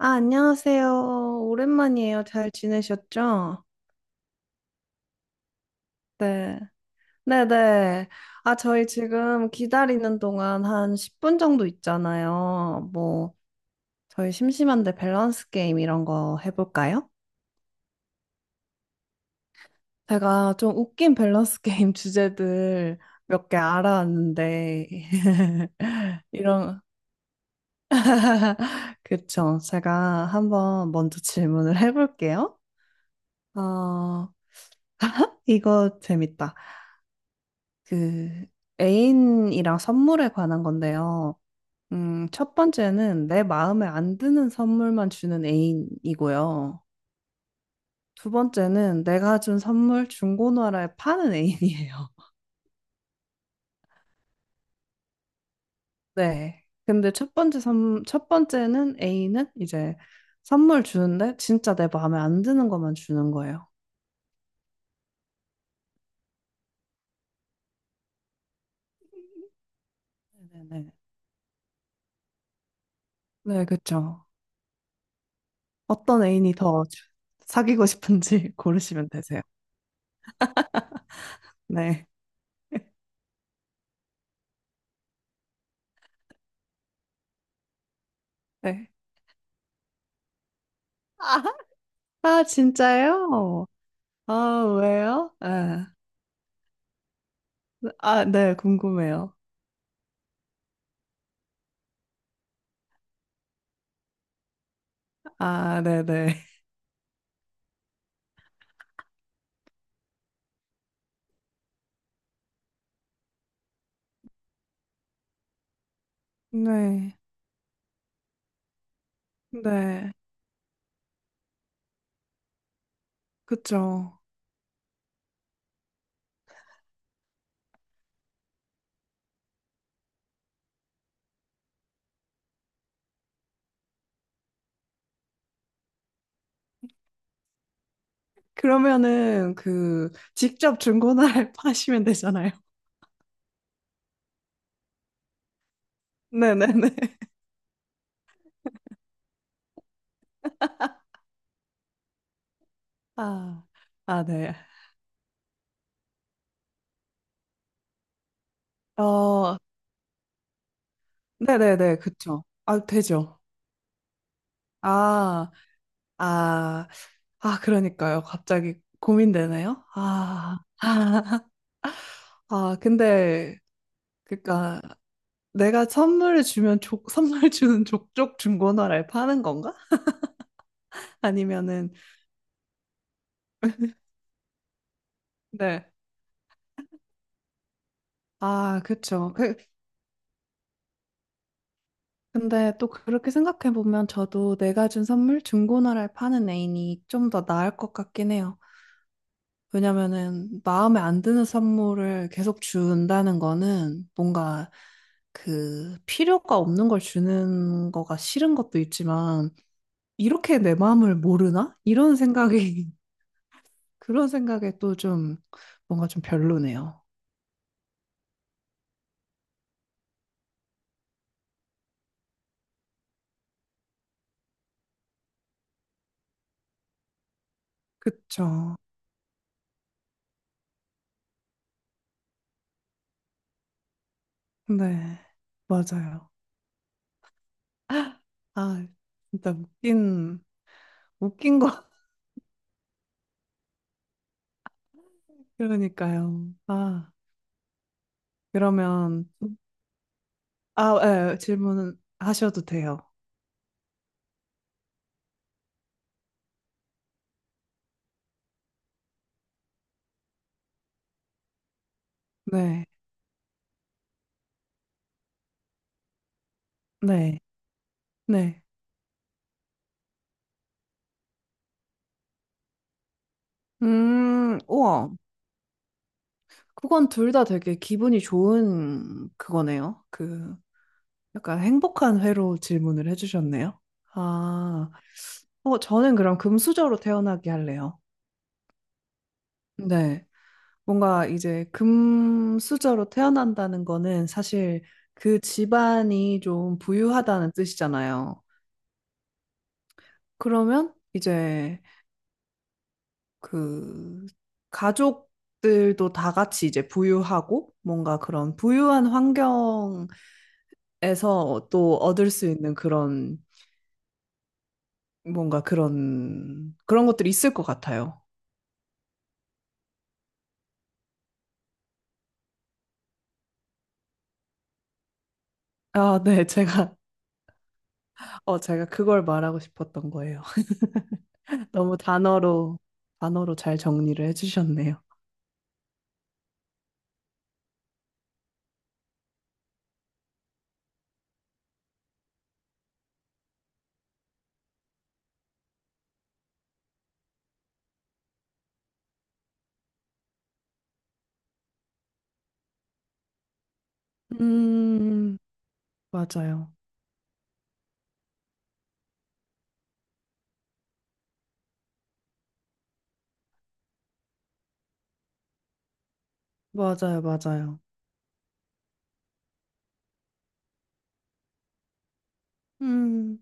아, 안녕하세요. 오랜만이에요. 잘 지내셨죠? 네. 네네. 아, 저희 지금 기다리는 동안 한 10분 정도 있잖아요. 뭐, 저희 심심한데 밸런스 게임 이런 거 해볼까요? 제가 좀 웃긴 밸런스 게임 주제들 몇 개 알아왔는데, 이런, 그쵸. 제가 한번 먼저 질문을 해볼게요. 어, 이거 재밌다. 그 애인이랑 선물에 관한 건데요. 첫 번째는 내 마음에 안 드는 선물만 주는 애인이고요. 두 번째는 내가 준 선물 중고나라에 파는 애인이에요. 네. 근데 첫 번째는 애인은 이제 선물 주는데 진짜 내 마음에 안 드는 것만 주는 거예요. 네네네. 네, 그쵸. 어떤 애인이 더 사귀고 싶은지 고르시면 되세요. 네. 네. 아, 진짜요? 아, 왜요? 아, 아, 네, 궁금해요. 아, 네네. 네, 네, 그쵸. 그러면은, 직접 중고나라에 파시면 되잖아요. 네네네. 아, 아, 네. 어, 네네네, 그쵸. 아, 되죠. 아, 아, 아, 그러니까요. 갑자기 고민되네요. 아, 아, 아, 근데, 그니까, 내가 선물을 주면 선물 주는 족족 중고나라에 파는 건가? 아니면은, 네. 아, 그쵸. 근데 또 그렇게 생각해 보면 저도 내가 준 선물 중고나라에 파는 애인이 좀 더 나을 것 같긴 해요. 왜냐면은 마음에 안 드는 선물을 계속 준다는 거는 뭔가 그 필요가 없는 걸 주는 거가 싫은 것도 있지만 이렇게 내 마음을 모르나? 이런 생각이 그런 생각에 또 좀 뭔가 좀 별로네요. 그쵸. 네, 맞아요. 아, 진짜 웃긴 거. 그러니까요. 아, 그러면, 아, 예, 질문 하셔도 돼요. 네, 네, 네. 우와. 그건 둘 다 되게 기분이 좋은 그거네요. 약간 행복한 회로 질문을 해주셨네요. 아, 저는 그럼 금수저로 태어나게 할래요. 네. 뭔가 이제 금수저로 태어난다는 거는 사실 그 집안이 좀 부유하다는 뜻이잖아요. 그러면 이제 그 가족들도 다 같이 이제 부유하고 뭔가 그런 부유한 환경에서 또 얻을 수 있는 그런 뭔가 그런 것들이 있을 것 같아요. 아, 네, 제가 그걸 말하고 싶었던 거예요. 너무 단어로 잘 정리를 해주셨네요. 음, 맞아요. 맞아요, 맞아요. 음,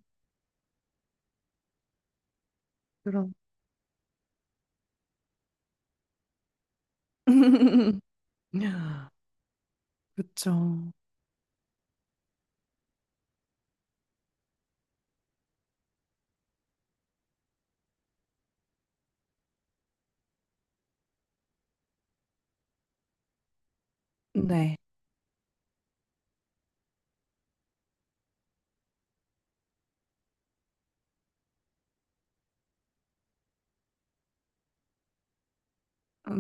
그럼. 그쵸. 네,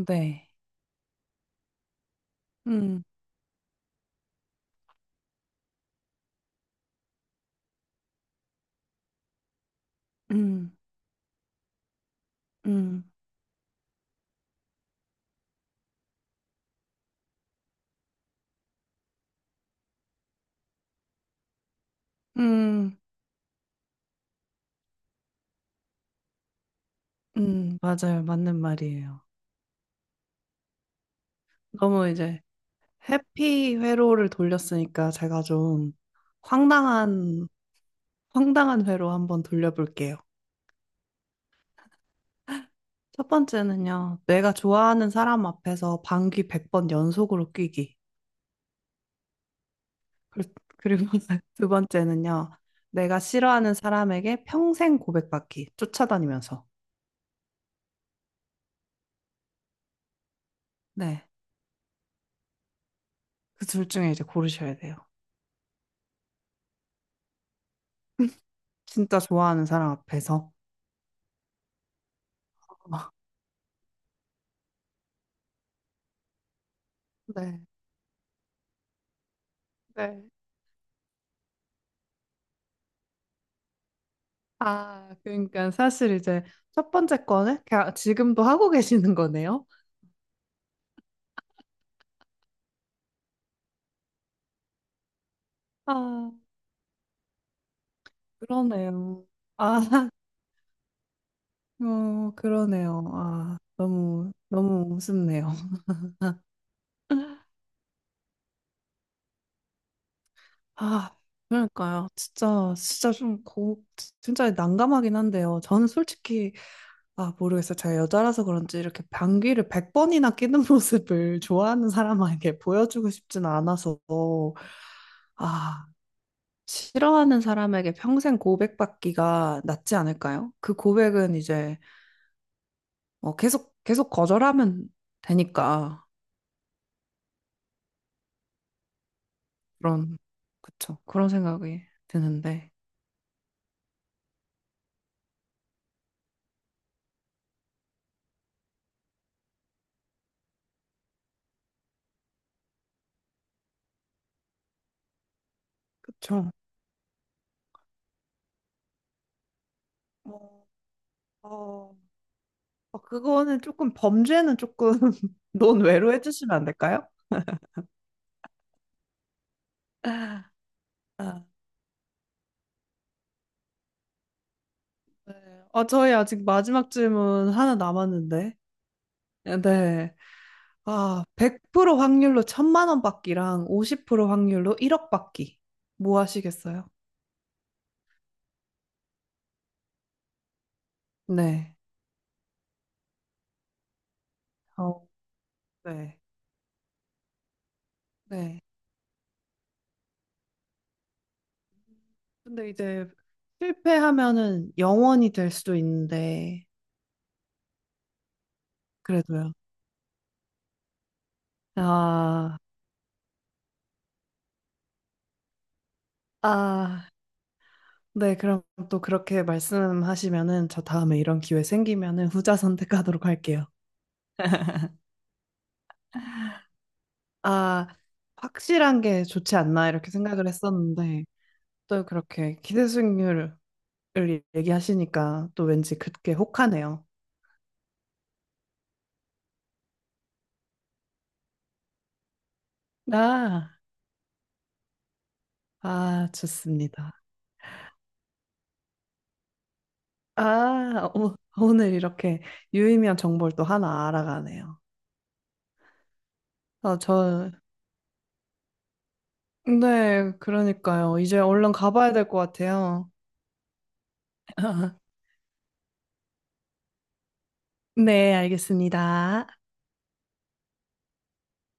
네. 음, 음, 음, 음, 맞아요. 맞는 말이에요. 너무 이제 해피 회로를 돌렸으니까 제가 좀 황당한, 황당한 회로 한번 돌려볼게요. 첫 번째는요, 내가 좋아하는 사람 앞에서 방귀 100번 연속으로 뀌기. 그- 그리고 두 번째는요. 내가 싫어하는 사람에게 평생 고백받기, 쫓아다니면서. 네. 그둘 중에 이제 고르셔야 돼요. 진짜 좋아하는 사람 앞에서. 네. 네. 아, 그러니까 사실 이제 첫 번째 거는 지금도 하고 계시는 거네요. 아, 그러네요. 아, 그러네요. 아, 너무, 너무 우습네요. 아, 그러니까요. 진짜, 진짜 좀 진짜 난감하긴 한데요. 저는 솔직히, 아, 모르겠어요. 제가 여자라서 그런지 이렇게 방귀를 백번이나 끼는 모습을 좋아하는 사람에게 보여주고 싶진 않아서, 아, 싫어하는 사람에게 평생 고백받기가 낫지 않을까요? 그 고백은 이제, 계속, 계속 거절하면 되니까. 그런, 그쵸. 그런 생각이 드는데. 그쵸. 어, 어, 그거는 조금 범죄는 조금 논외로 해주시면 안 될까요? 아, 네. 저희 아직 마지막 질문 하나 남았는데. 네. 아, 100% 확률로 1,000만 원 받기랑 50% 확률로 1억 받기. 뭐 하시겠어요? 네. 어, 네. 네. 근데 이제 실패하면은 영원이 될 수도 있는데, 그래도요. 아, 아, 네, 그럼 또 그렇게 말씀하시면은 저 다음에 이런 기회 생기면은 후자 선택하도록 할게요. 아, 확실한 게 좋지 않나 이렇게 생각을 했었는데 또 그렇게 기대 수익률을 얘기하시니까 또 왠지 그게 혹하네요. 아, 아, 좋습니다. 아, 오늘 이렇게 유의미한 정보를 또 하나 알아가네요. 아, 저, 네, 그러니까요. 이제 얼른 가봐야 될 것 같아요. 네, 알겠습니다.